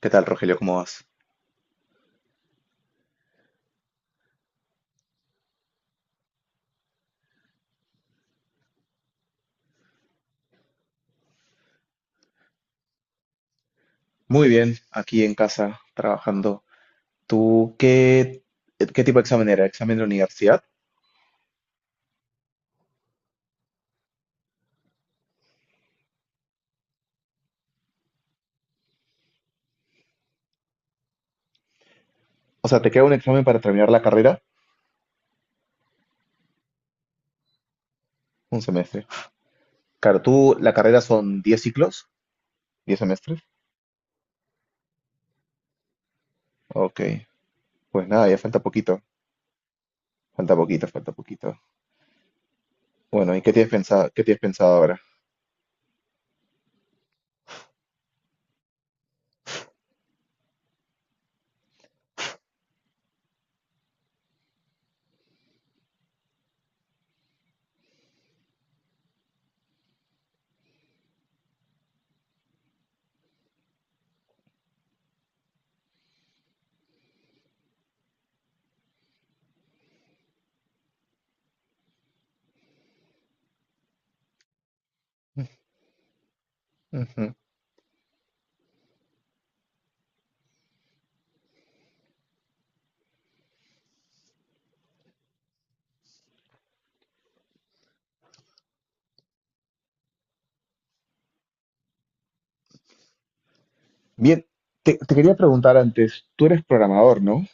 ¿Qué tal, Rogelio? ¿Cómo vas? Muy bien, aquí en casa trabajando. ¿Tú qué tipo de examen era? ¿Examen de universidad? O sea, ¿te queda un examen para terminar la carrera? Un semestre. Claro, tú, la carrera son 10 ciclos, 10 semestres. Ok, pues nada, ya falta poquito, falta poquito, falta poquito. Bueno, ¿y qué tienes pensado ahora? Ujú. Bien, te quería preguntar antes, tú eres programador, ¿no?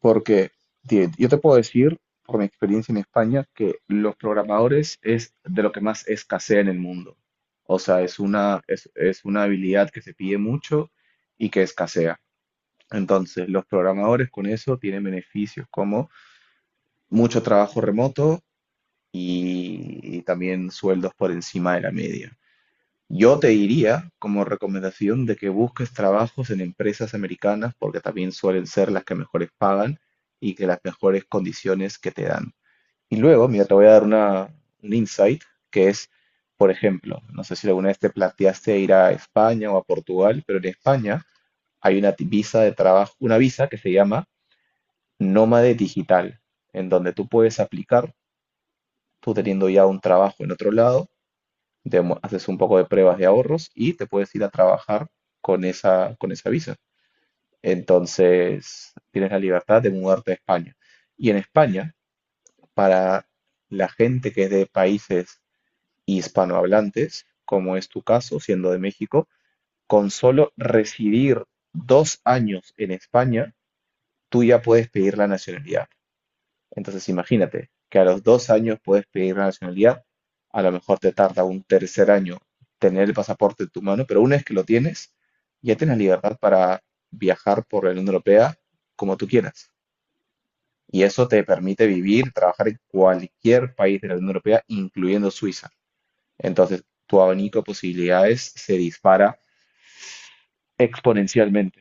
Porque yo te puedo decir, por mi experiencia en España, que los programadores es de lo que más escasea en el mundo. O sea, es una habilidad que se pide mucho y que escasea. Entonces, los programadores con eso tienen beneficios como mucho trabajo remoto y también sueldos por encima de la media. Yo te diría como recomendación de que busques trabajos en empresas americanas porque también suelen ser las que mejores pagan y que las mejores condiciones que te dan. Y luego, mira, te voy a dar un insight que es, por ejemplo, no sé si alguna vez te planteaste ir a España o a Portugal, pero en España hay una visa de trabajo, una visa que se llama nómade digital, en donde tú puedes aplicar, tú teniendo ya un trabajo en otro lado, haces un poco de pruebas de ahorros y te puedes ir a trabajar con esa visa. Entonces, tienes la libertad de mudarte a España. Y en España, para la gente que es de países hispanohablantes, como es tu caso, siendo de México, con solo residir 2 años en España, tú ya puedes pedir la nacionalidad. Entonces imagínate que a los 2 años puedes pedir la nacionalidad, a lo mejor te tarda un tercer año tener el pasaporte en tu mano, pero una vez que lo tienes, ya tienes libertad para viajar por la Unión Europea como tú quieras. Y eso te permite vivir, trabajar en cualquier país de la Unión Europea, incluyendo Suiza. Entonces, tu abanico de posibilidades se dispara exponencialmente.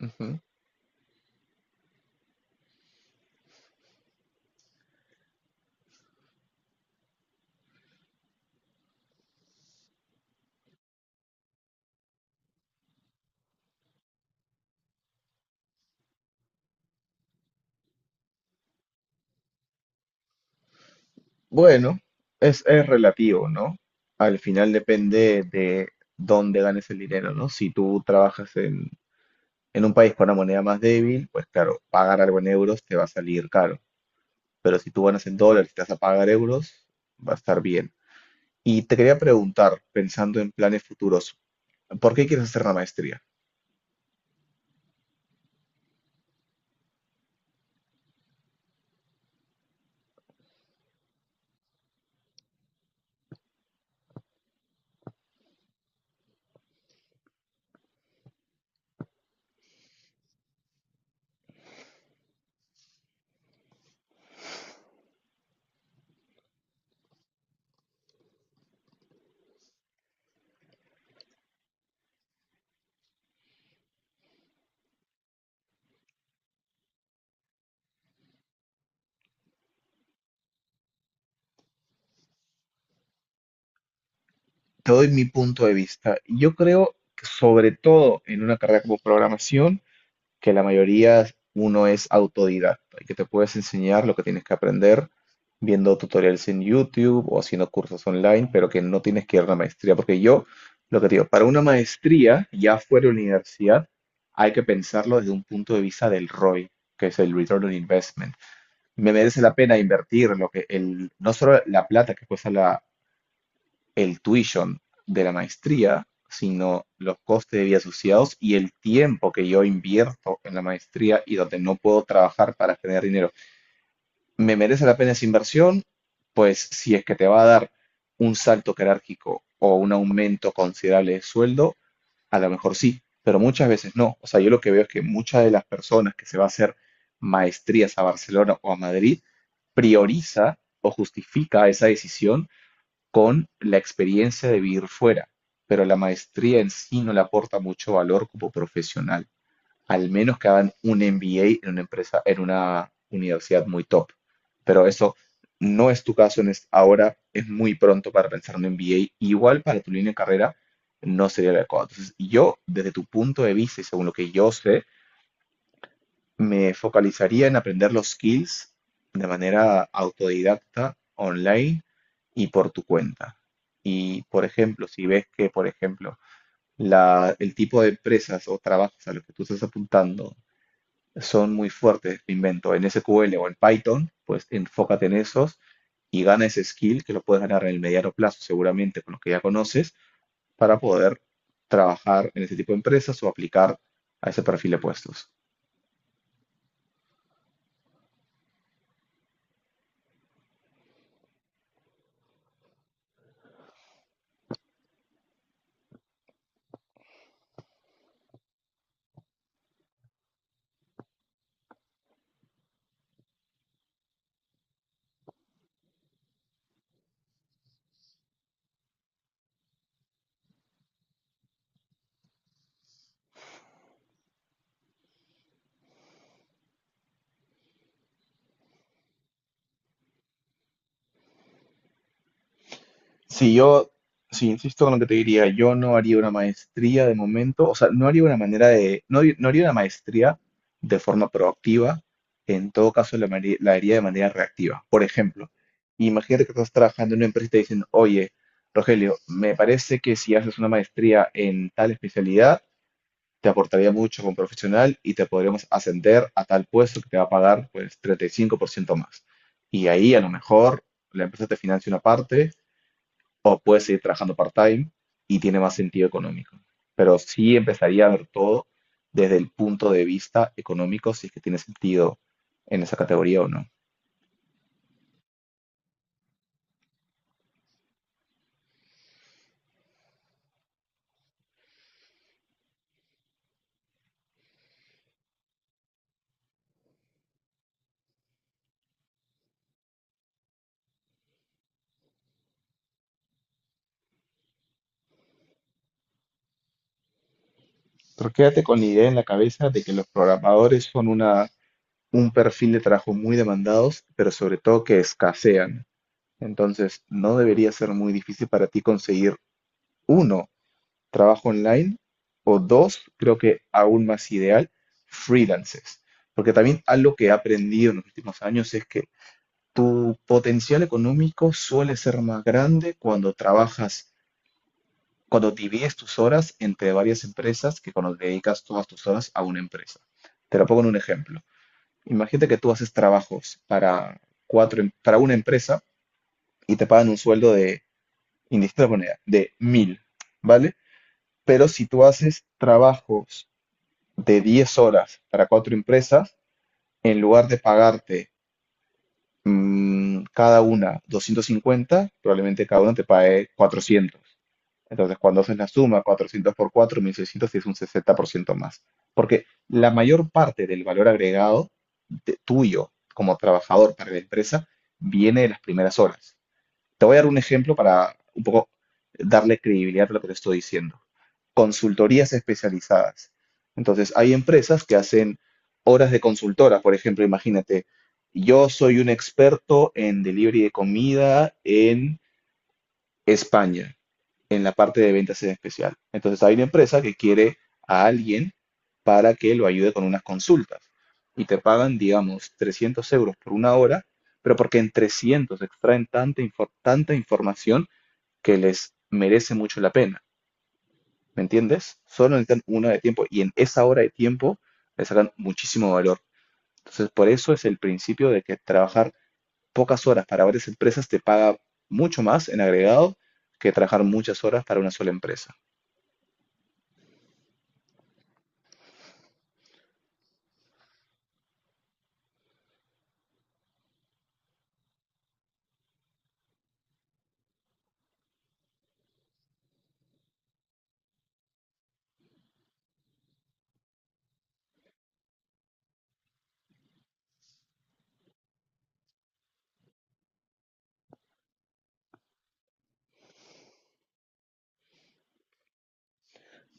Ujú. Bueno, es relativo, ¿no? Al final depende de dónde ganes el dinero, ¿no? Si tú trabajas en un país con una moneda más débil, pues claro, pagar algo en euros te va a salir caro. Pero si tú ganas en dólares y te vas a pagar euros, va a estar bien. Y te quería preguntar, pensando en planes futuros, ¿por qué quieres hacer la maestría? Te doy mi punto de vista. Yo creo que sobre todo en una carrera como programación, que la mayoría uno es autodidacta y que te puedes enseñar lo que tienes que aprender viendo tutoriales en YouTube o haciendo cursos online, pero que no tienes que ir a una maestría. Porque yo, lo que te digo, para una maestría, ya fuera de la universidad, hay que pensarlo desde un punto de vista del ROI, que es el Return on Investment. Me merece la pena invertir lo que el, no solo la plata que cuesta la, el tuition de la maestría, sino los costes de vida asociados y el tiempo que yo invierto en la maestría y donde no puedo trabajar para generar dinero. ¿Me merece la pena esa inversión? Pues si es que te va a dar un salto jerárquico o un aumento considerable de sueldo, a lo mejor sí, pero muchas veces no. O sea, yo lo que veo es que muchas de las personas que se va a hacer maestrías a Barcelona o a Madrid prioriza o justifica esa decisión con la experiencia de vivir fuera, pero la maestría en sí no le aporta mucho valor como profesional, al menos que hagan un MBA en una empresa, en una universidad muy top. Pero eso no es tu caso en ahora, es muy pronto para pensar en un MBA, igual para tu línea de carrera no sería el adecuado. Entonces, yo, desde tu punto de vista y según lo que yo sé, me focalizaría en aprender los skills de manera autodidacta, online y por tu cuenta. Y, por ejemplo, si ves que, por ejemplo, el tipo de empresas o trabajos a los que tú estás apuntando son muy fuertes, me invento, en SQL o en Python, pues enfócate en esos y gana ese skill que lo puedes ganar en el mediano plazo, seguramente con los que ya conoces, para poder trabajar en ese tipo de empresas o aplicar a ese perfil de puestos. Si yo, si insisto con lo que te diría, yo no haría una maestría de momento, o sea, no haría una manera de, no, no haría una maestría de forma proactiva, en todo caso la haría de manera reactiva. Por ejemplo, imagínate que estás trabajando en una empresa y te dicen, oye, Rogelio, me parece que si haces una maestría en tal especialidad, te aportaría mucho como profesional y te podríamos ascender a tal puesto que te va a pagar pues 35% más. Y ahí a lo mejor la empresa te financia una parte o puedes seguir trabajando part-time y tiene más sentido económico. Pero sí empezaría a ver todo desde el punto de vista económico, si es que tiene sentido en esa categoría o no. Pero quédate con la idea en la cabeza de que los programadores son un perfil de trabajo muy demandados, pero sobre todo que escasean. Entonces, no debería ser muy difícil para ti conseguir uno trabajo online o dos, creo que aún más ideal, freelances. Porque también algo que he aprendido en los últimos años es que tu potencial económico suele ser más grande cuando trabajas, cuando divides tus horas entre varias empresas que cuando dedicas todas tus horas a una empresa. Te lo pongo en un ejemplo. Imagínate que tú haces trabajos para para una empresa y te pagan un sueldo de, indistinta moneda, de mil, ¿vale? Pero si tú haces trabajos de 10 horas para cuatro empresas, en lugar de pagarte cada una 250 probablemente cada una te pague 400. Entonces, cuando haces la suma, 400 por 4 1.600 es un 60% más. Porque la mayor parte del valor agregado tuyo como trabajador para la empresa viene de las primeras horas. Te voy a dar un ejemplo para un poco darle credibilidad a lo que te estoy diciendo. Consultorías especializadas. Entonces, hay empresas que hacen horas de consultora. Por ejemplo, imagínate, yo soy un experto en delivery de comida en España, en la parte de ventas en especial. Entonces, hay una empresa que quiere a alguien para que lo ayude con unas consultas. Y te pagan, digamos, 300 euros por una hora, pero porque en 300 extraen tanta información que les merece mucho la pena, ¿me entiendes? Solo necesitan una de tiempo y en esa hora de tiempo le sacan muchísimo valor. Entonces, por eso es el principio de que trabajar pocas horas para varias empresas te paga mucho más en agregado que trabajar muchas horas para una sola empresa.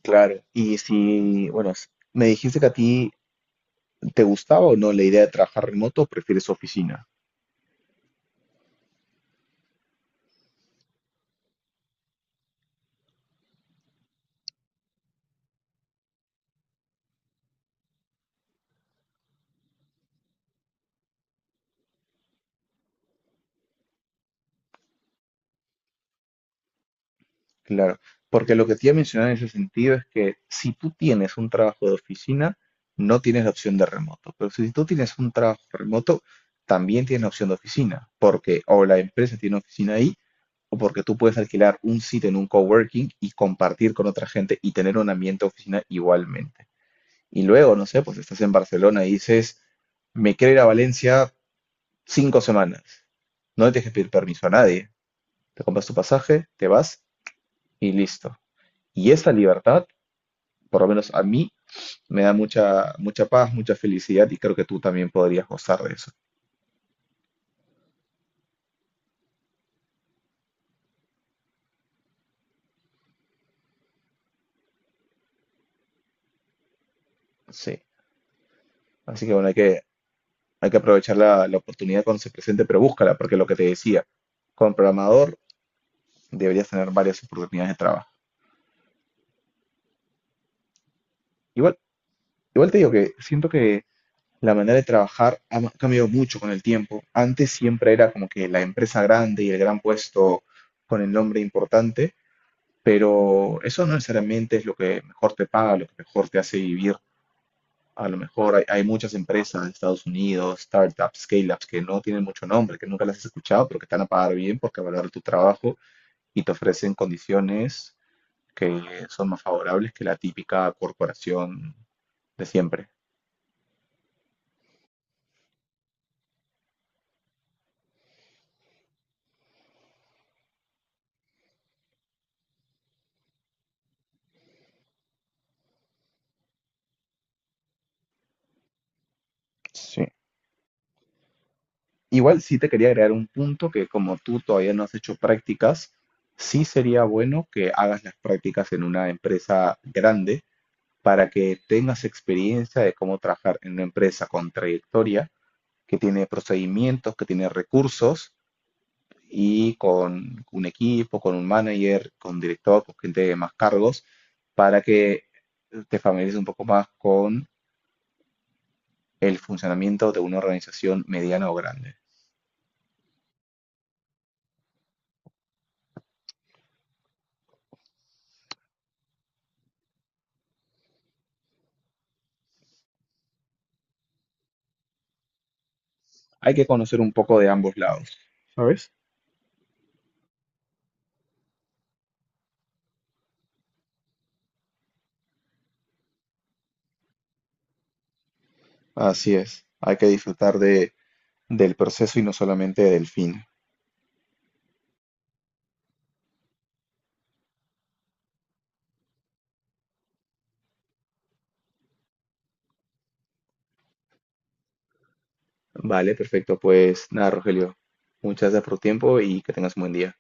Claro. Y si, bueno, me dijiste que a ti te gustaba o no la idea de trabajar remoto, o prefieres oficina. Claro, porque lo que te iba a mencionar en ese sentido es que si tú tienes un trabajo de oficina, no tienes la opción de remoto, pero si tú tienes un trabajo remoto, también tienes la opción de oficina, porque o la empresa tiene oficina ahí, o porque tú puedes alquilar un sitio en un coworking y compartir con otra gente y tener un ambiente de oficina igualmente. Y luego, no sé, pues estás en Barcelona y dices, me quiero ir a Valencia 5 semanas. No le tienes que pedir permiso a nadie. Te compras tu pasaje, te vas y listo. Y esa libertad, por lo menos a mí, me da mucha, mucha paz, mucha felicidad y creo que tú también podrías gozar de eso. Sí. Así que bueno, hay que aprovechar la oportunidad cuando se presente, pero búscala, porque lo que te decía, como programador deberías tener varias oportunidades de trabajo. Igual, igual te digo que siento que la manera de trabajar ha cambiado mucho con el tiempo. Antes siempre era como que la empresa grande y el gran puesto con el nombre importante, pero eso no necesariamente es lo que mejor te paga, lo que mejor te hace vivir. A lo mejor hay muchas empresas de Estados Unidos, startups, scale-ups, que no tienen mucho nombre, que nunca las has escuchado, pero que te van a pagar bien porque valoran tu trabajo y te ofrecen condiciones que son más favorables que la típica corporación de siempre. Sí, igual sí te quería agregar un punto que como tú todavía no has hecho prácticas, sí sería bueno que hagas las prácticas en una empresa grande para que tengas experiencia de cómo trabajar en una empresa con trayectoria que tiene procedimientos, que tiene recursos y con un equipo, con un manager, con director, con gente de más cargos, para que te familiarices un poco más con el funcionamiento de una organización mediana o grande. Hay que conocer un poco de ambos lados. ¿Sabes? Así es, hay que disfrutar del proceso y no solamente del fin. Vale, perfecto. Pues nada, Rogelio, muchas gracias por tu tiempo y que tengas un buen día.